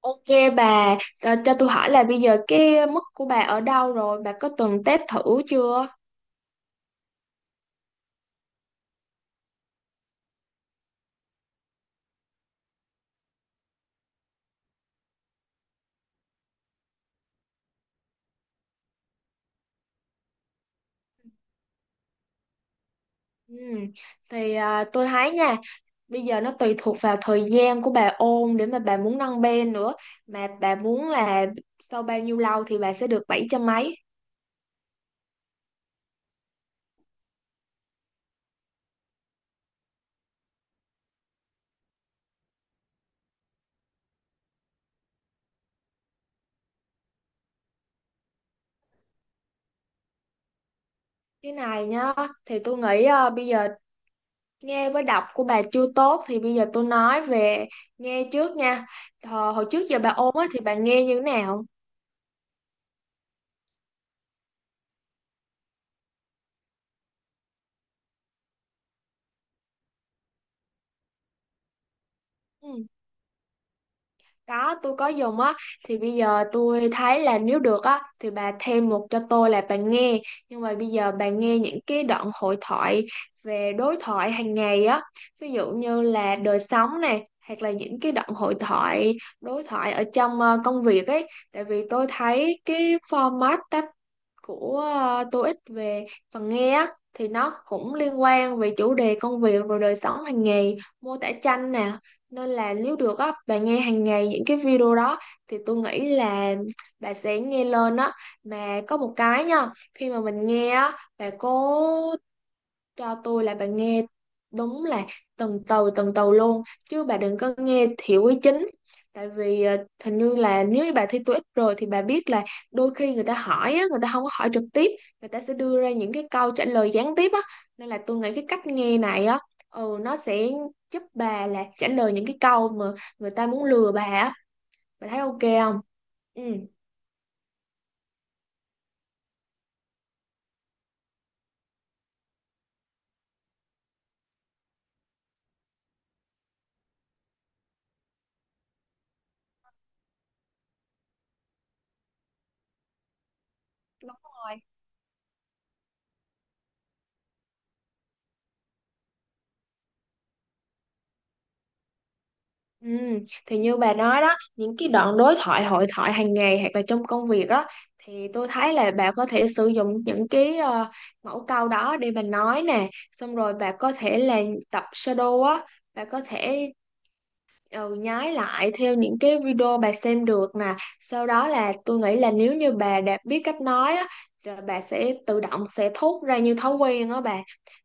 Ok bà, cho tôi hỏi là bây giờ cái mức của bà ở đâu rồi, bà có từng test thử chưa? Ừ. Thì tôi thấy nha, bây giờ nó tùy thuộc vào thời gian của bà ôn để mà bà muốn nâng bên nữa. Mà bà muốn là sau bao nhiêu lâu thì bà sẽ được bảy trăm mấy. Cái này nhá, thì tôi nghĩ bây giờ nghe với đọc của bà chưa tốt thì bây giờ tôi nói về nghe trước nha. Hồi trước giờ bà ôn á, thì bà nghe như thế nào? Ừ. Có, tôi có dùng á, thì bây giờ tôi thấy là nếu được á, thì bà thêm một cho tôi là bà nghe. Nhưng mà bây giờ bà nghe những cái đoạn hội thoại về đối thoại hàng ngày á, ví dụ như là đời sống này, hoặc là những cái đoạn hội thoại, đối thoại ở trong công việc ấy. Tại vì tôi thấy cái format của TOEIC về phần nghe á, thì nó cũng liên quan về chủ đề công việc rồi đời sống hàng ngày mô tả tranh nè, nên là nếu được á bạn nghe hàng ngày những cái video đó thì tôi nghĩ là bà sẽ nghe lên á, mà có một cái nha, khi mà mình nghe á bà cố cho tôi là bà nghe đúng là từng từ luôn, chứ bà đừng có nghe thiểu ý chính. Tại vì hình như là nếu như bà thi TOEIC rồi thì bà biết là đôi khi người ta hỏi á, người ta không có hỏi trực tiếp, người ta sẽ đưa ra những cái câu trả lời gián tiếp á, nên là tôi nghĩ cái cách nghe này á, ừ, nó sẽ giúp bà là trả lời những cái câu mà người ta muốn lừa bà á. Bà thấy ok không? Ừ. Đúng rồi. Ừ, thì như bà nói đó, những cái đoạn đối thoại hội thoại hàng ngày hoặc là trong công việc đó, thì tôi thấy là bà có thể sử dụng những cái mẫu câu đó để bà nói nè, xong rồi bà có thể là tập shadow á, bà có thể ừ, nhái lại theo những cái video bà xem được nè. Sau đó là tôi nghĩ là nếu như bà đã biết cách nói á, rồi bà sẽ tự động sẽ thốt ra như thói quen đó bà.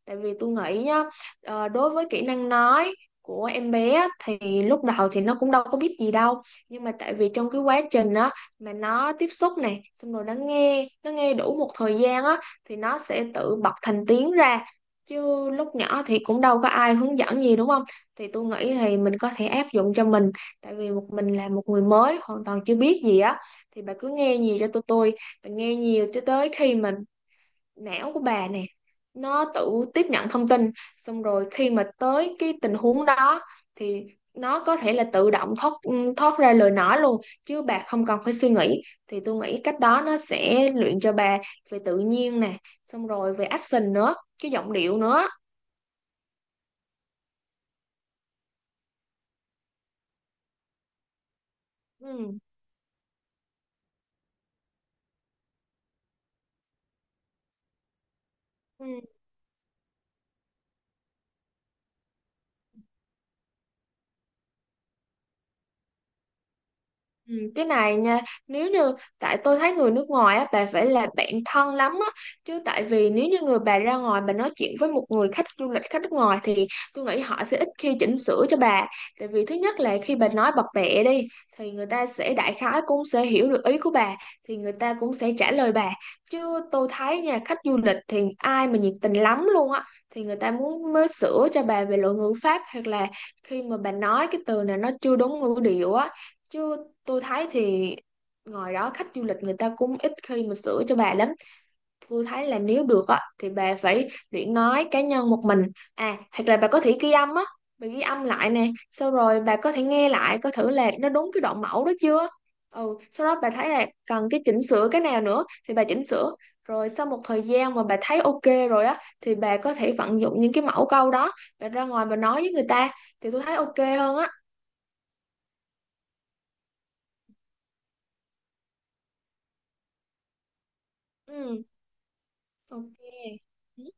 Tại vì tôi nghĩ nhá, đối với kỹ năng nói của em bé á, thì lúc đầu thì nó cũng đâu có biết gì đâu, nhưng mà tại vì trong cái quá trình á mà nó tiếp xúc này, xong rồi nó nghe đủ một thời gian á thì nó sẽ tự bật thành tiếng ra, chứ lúc nhỏ thì cũng đâu có ai hướng dẫn gì, đúng không? Thì tôi nghĩ thì mình có thể áp dụng cho mình, tại vì một mình là một người mới hoàn toàn chưa biết gì á, thì bà cứ nghe nhiều cho tụi tôi, bà nghe nhiều cho tới khi mà não của bà nè nó tự tiếp nhận thông tin, xong rồi khi mà tới cái tình huống đó thì nó có thể là tự động thoát thoát ra lời nói luôn, chứ bà không cần phải suy nghĩ. Thì tôi nghĩ cách đó nó sẽ luyện cho bà về tự nhiên nè, xong rồi về action nữa, cái giọng điệu nữa. Ừ. Ừ. Ừ, cái này nha, nếu như, tại tôi thấy người nước ngoài á bà phải là bạn thân lắm á, chứ tại vì nếu như người bà ra ngoài bà nói chuyện với một người khách du lịch khách nước ngoài thì tôi nghĩ họ sẽ ít khi chỉnh sửa cho bà. Tại vì thứ nhất là khi bà nói bập bẹ đi thì người ta sẽ đại khái cũng sẽ hiểu được ý của bà, thì người ta cũng sẽ trả lời bà, chứ tôi thấy nha khách du lịch thì ai mà nhiệt tình lắm luôn á thì người ta muốn mới sửa cho bà về lỗi ngữ pháp, hoặc là khi mà bà nói cái từ này nó chưa đúng ngữ điệu á. Chứ tôi thấy thì ngoài đó khách du lịch người ta cũng ít khi mà sửa cho bà lắm. Tôi thấy là nếu được á thì bà phải luyện nói cá nhân một mình, à hoặc là bà có thể ghi âm á, bà ghi âm lại nè sau rồi bà có thể nghe lại coi thử là nó đúng cái đoạn mẫu đó chưa. Ừ, sau đó bà thấy là cần cái chỉnh sửa cái nào nữa thì bà chỉnh sửa, rồi sau một thời gian mà bà thấy ok rồi á thì bà có thể vận dụng những cái mẫu câu đó, bà ra ngoài bà nói với người ta thì tôi thấy ok hơn á. Ừ. Ok. Ừ.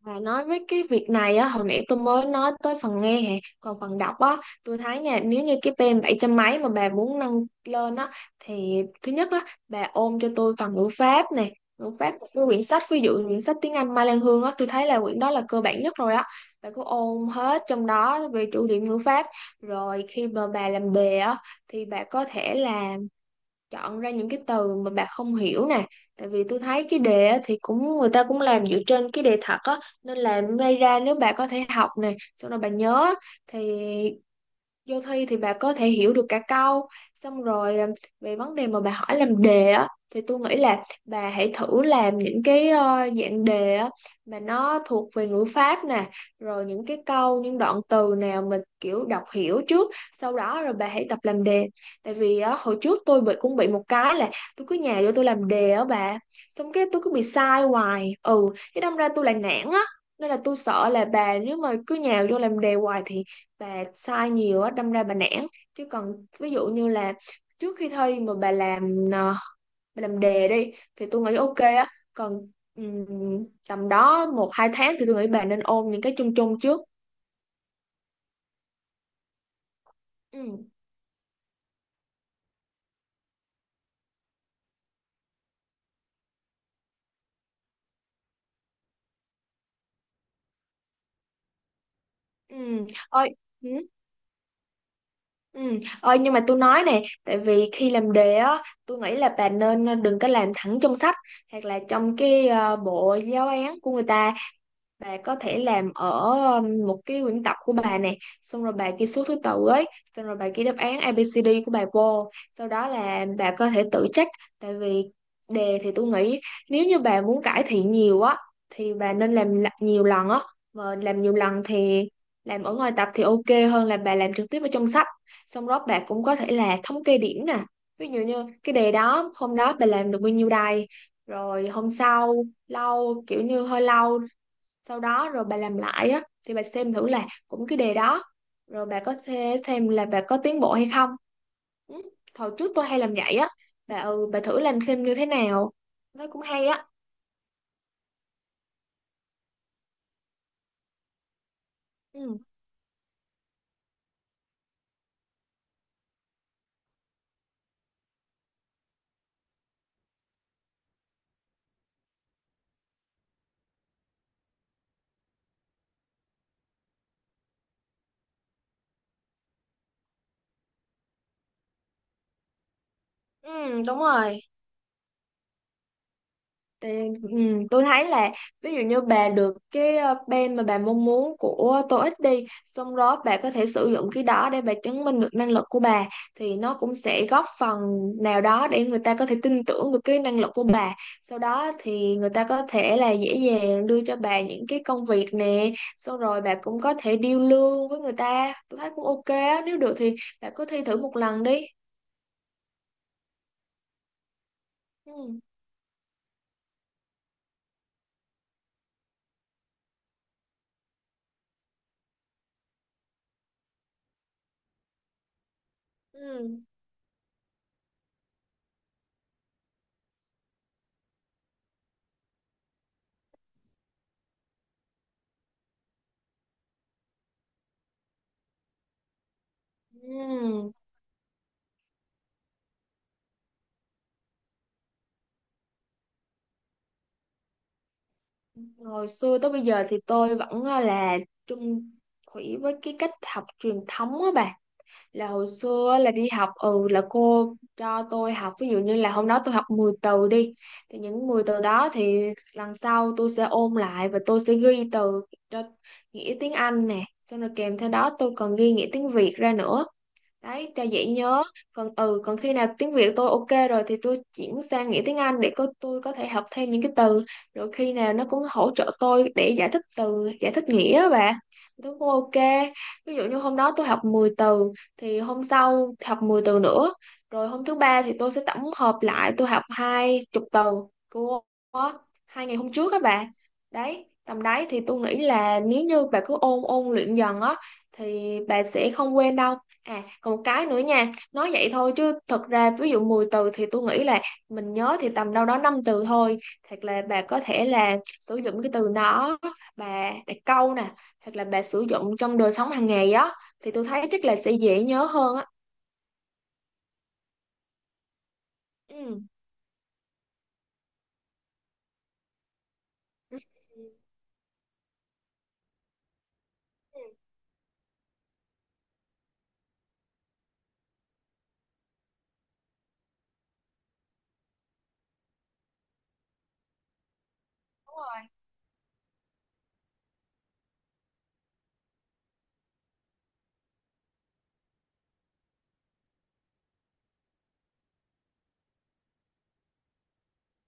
Và nói với cái việc này á, hồi nãy tôi mới nói tới phần nghe hè, còn phần đọc á, tôi thấy nha, nếu như cái pê em 700 mấy mà bà muốn nâng lên á, thì thứ nhất á, bà ôm cho tôi phần ngữ pháp nè, ngữ pháp một cái quyển sách, ví dụ quyển sách tiếng Anh Mai Lan Hương á, tôi thấy là quyển đó là cơ bản nhất rồi á, bà cứ ôm hết trong đó về chủ điểm ngữ pháp, rồi khi mà bà làm đề á, thì bà có thể là chọn ra những cái từ mà bà không hiểu nè. Tại vì tôi thấy cái đề á, thì cũng người ta cũng làm dựa trên cái đề thật á, nên là may ra nếu bà có thể học nè xong rồi bà nhớ á, thì vô thi thì bà có thể hiểu được cả câu. Xong rồi về vấn đề mà bà hỏi làm đề á thì tôi nghĩ là bà hãy thử làm những cái dạng đề á mà nó thuộc về ngữ pháp nè, rồi những cái câu những đoạn từ nào mình kiểu đọc hiểu trước, sau đó rồi bà hãy tập làm đề. Tại vì á, hồi trước tôi cũng bị một cái là tôi cứ nhà vô tôi làm đề á bà, xong cái tôi cứ bị sai hoài, ừ cái đâm ra tôi lại nản á. Nên là tôi sợ là bà nếu mà cứ nhào vô làm đề hoài thì bà sai nhiều á đâm ra bà nản. Chứ còn ví dụ như là trước khi thi mà bà làm bà làm đề đi thì tôi nghĩ ok á. Còn tầm đó 1 2 tháng thì tôi nghĩ bà nên ôn những cái chung chung trước. Ừ. Ừ. Ơi. Ừ. Ừ. Ôi, nhưng mà tôi nói nè, tại vì khi làm đề á tôi nghĩ là bà nên đừng có làm thẳng trong sách hoặc là trong cái bộ giáo án của người ta. Bà có thể làm ở một cái quyển tập của bà nè, xong rồi bà ghi số thứ tự ấy, xong rồi bà ghi đáp án A ABCD của bà vô, sau đó là bà có thể tự check. Tại vì đề thì tôi nghĩ nếu như bà muốn cải thiện nhiều á thì bà nên làm nhiều lần á. Mà làm nhiều lần thì làm ở ngoài tập thì ok hơn là bà làm trực tiếp ở trong sách. Xong đó bà cũng có thể là thống kê điểm nè, ví dụ như cái đề đó hôm đó bà làm được bao nhiêu đài, rồi hôm sau lâu kiểu như hơi lâu sau đó rồi bà làm lại á thì bà xem thử là cũng cái đề đó, rồi bà có thể xem là bà có tiến bộ hay không. Ừ. Hồi trước tôi hay làm vậy á bà. Ừ bà thử làm xem như thế nào, nó cũng hay á. Ừ. Ừ đúng rồi. Thì, ừ, tôi thấy là ví dụ như bà được cái bên mà bà mong muốn của TOEIC đi, xong đó bà có thể sử dụng cái đó để bà chứng minh được năng lực của bà, thì nó cũng sẽ góp phần nào đó để người ta có thể tin tưởng được cái năng lực của bà. Sau đó thì người ta có thể là dễ dàng đưa cho bà những cái công việc nè, xong rồi bà cũng có thể deal lương với người ta, tôi thấy cũng ok á. Nếu được thì bà cứ thi thử một lần đi. Ừ. Ừ. Ừ. Hồi xưa tới bây giờ thì tôi vẫn là chung thủy với cái cách học truyền thống á bà. Là hồi xưa á, là đi học ừ là cô cho tôi học ví dụ như là hôm đó tôi học 10 từ đi. Thì những 10 từ đó thì lần sau tôi sẽ ôn lại và tôi sẽ ghi từ cho nghĩa tiếng Anh nè. Xong rồi kèm theo đó tôi còn ghi nghĩa tiếng Việt ra nữa đấy cho dễ nhớ. Còn ừ còn khi nào tiếng Việt tôi ok rồi thì tôi chuyển sang nghĩa tiếng Anh để có tôi có thể học thêm những cái từ, rồi khi nào nó cũng hỗ trợ tôi để giải thích từ giải thích nghĩa và tôi cũng ok. Ví dụ như hôm đó tôi học 10 từ thì hôm sau học 10 từ nữa, rồi hôm thứ ba thì tôi sẽ tổng hợp lại tôi học 20 từ của 2 ngày hôm trước các bạn. Đấy tầm đấy thì tôi nghĩ là nếu như bà cứ ôn ôn luyện dần á thì bà sẽ không quên đâu. À, còn một cái nữa nha, nói vậy thôi chứ thật ra ví dụ 10 từ thì tôi nghĩ là mình nhớ thì tầm đâu đó 5 từ thôi. Thật là bà có thể là sử dụng cái từ nó, bà đặt câu nè, hoặc là bà sử dụng trong đời sống hàng ngày á thì tôi thấy chắc là sẽ dễ nhớ hơn á. Ừ. Ừ. Ừ, đúng rồi,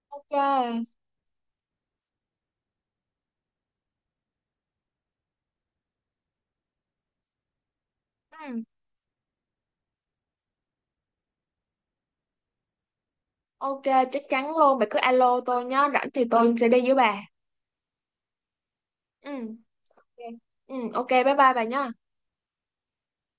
ok. Ừ. Ok, chắc chắn luôn, bà cứ alo tôi nhá, rảnh thì tôi sẽ đi với bà. Ừ. Ok. Ừ, ok, bye bye bà nhá.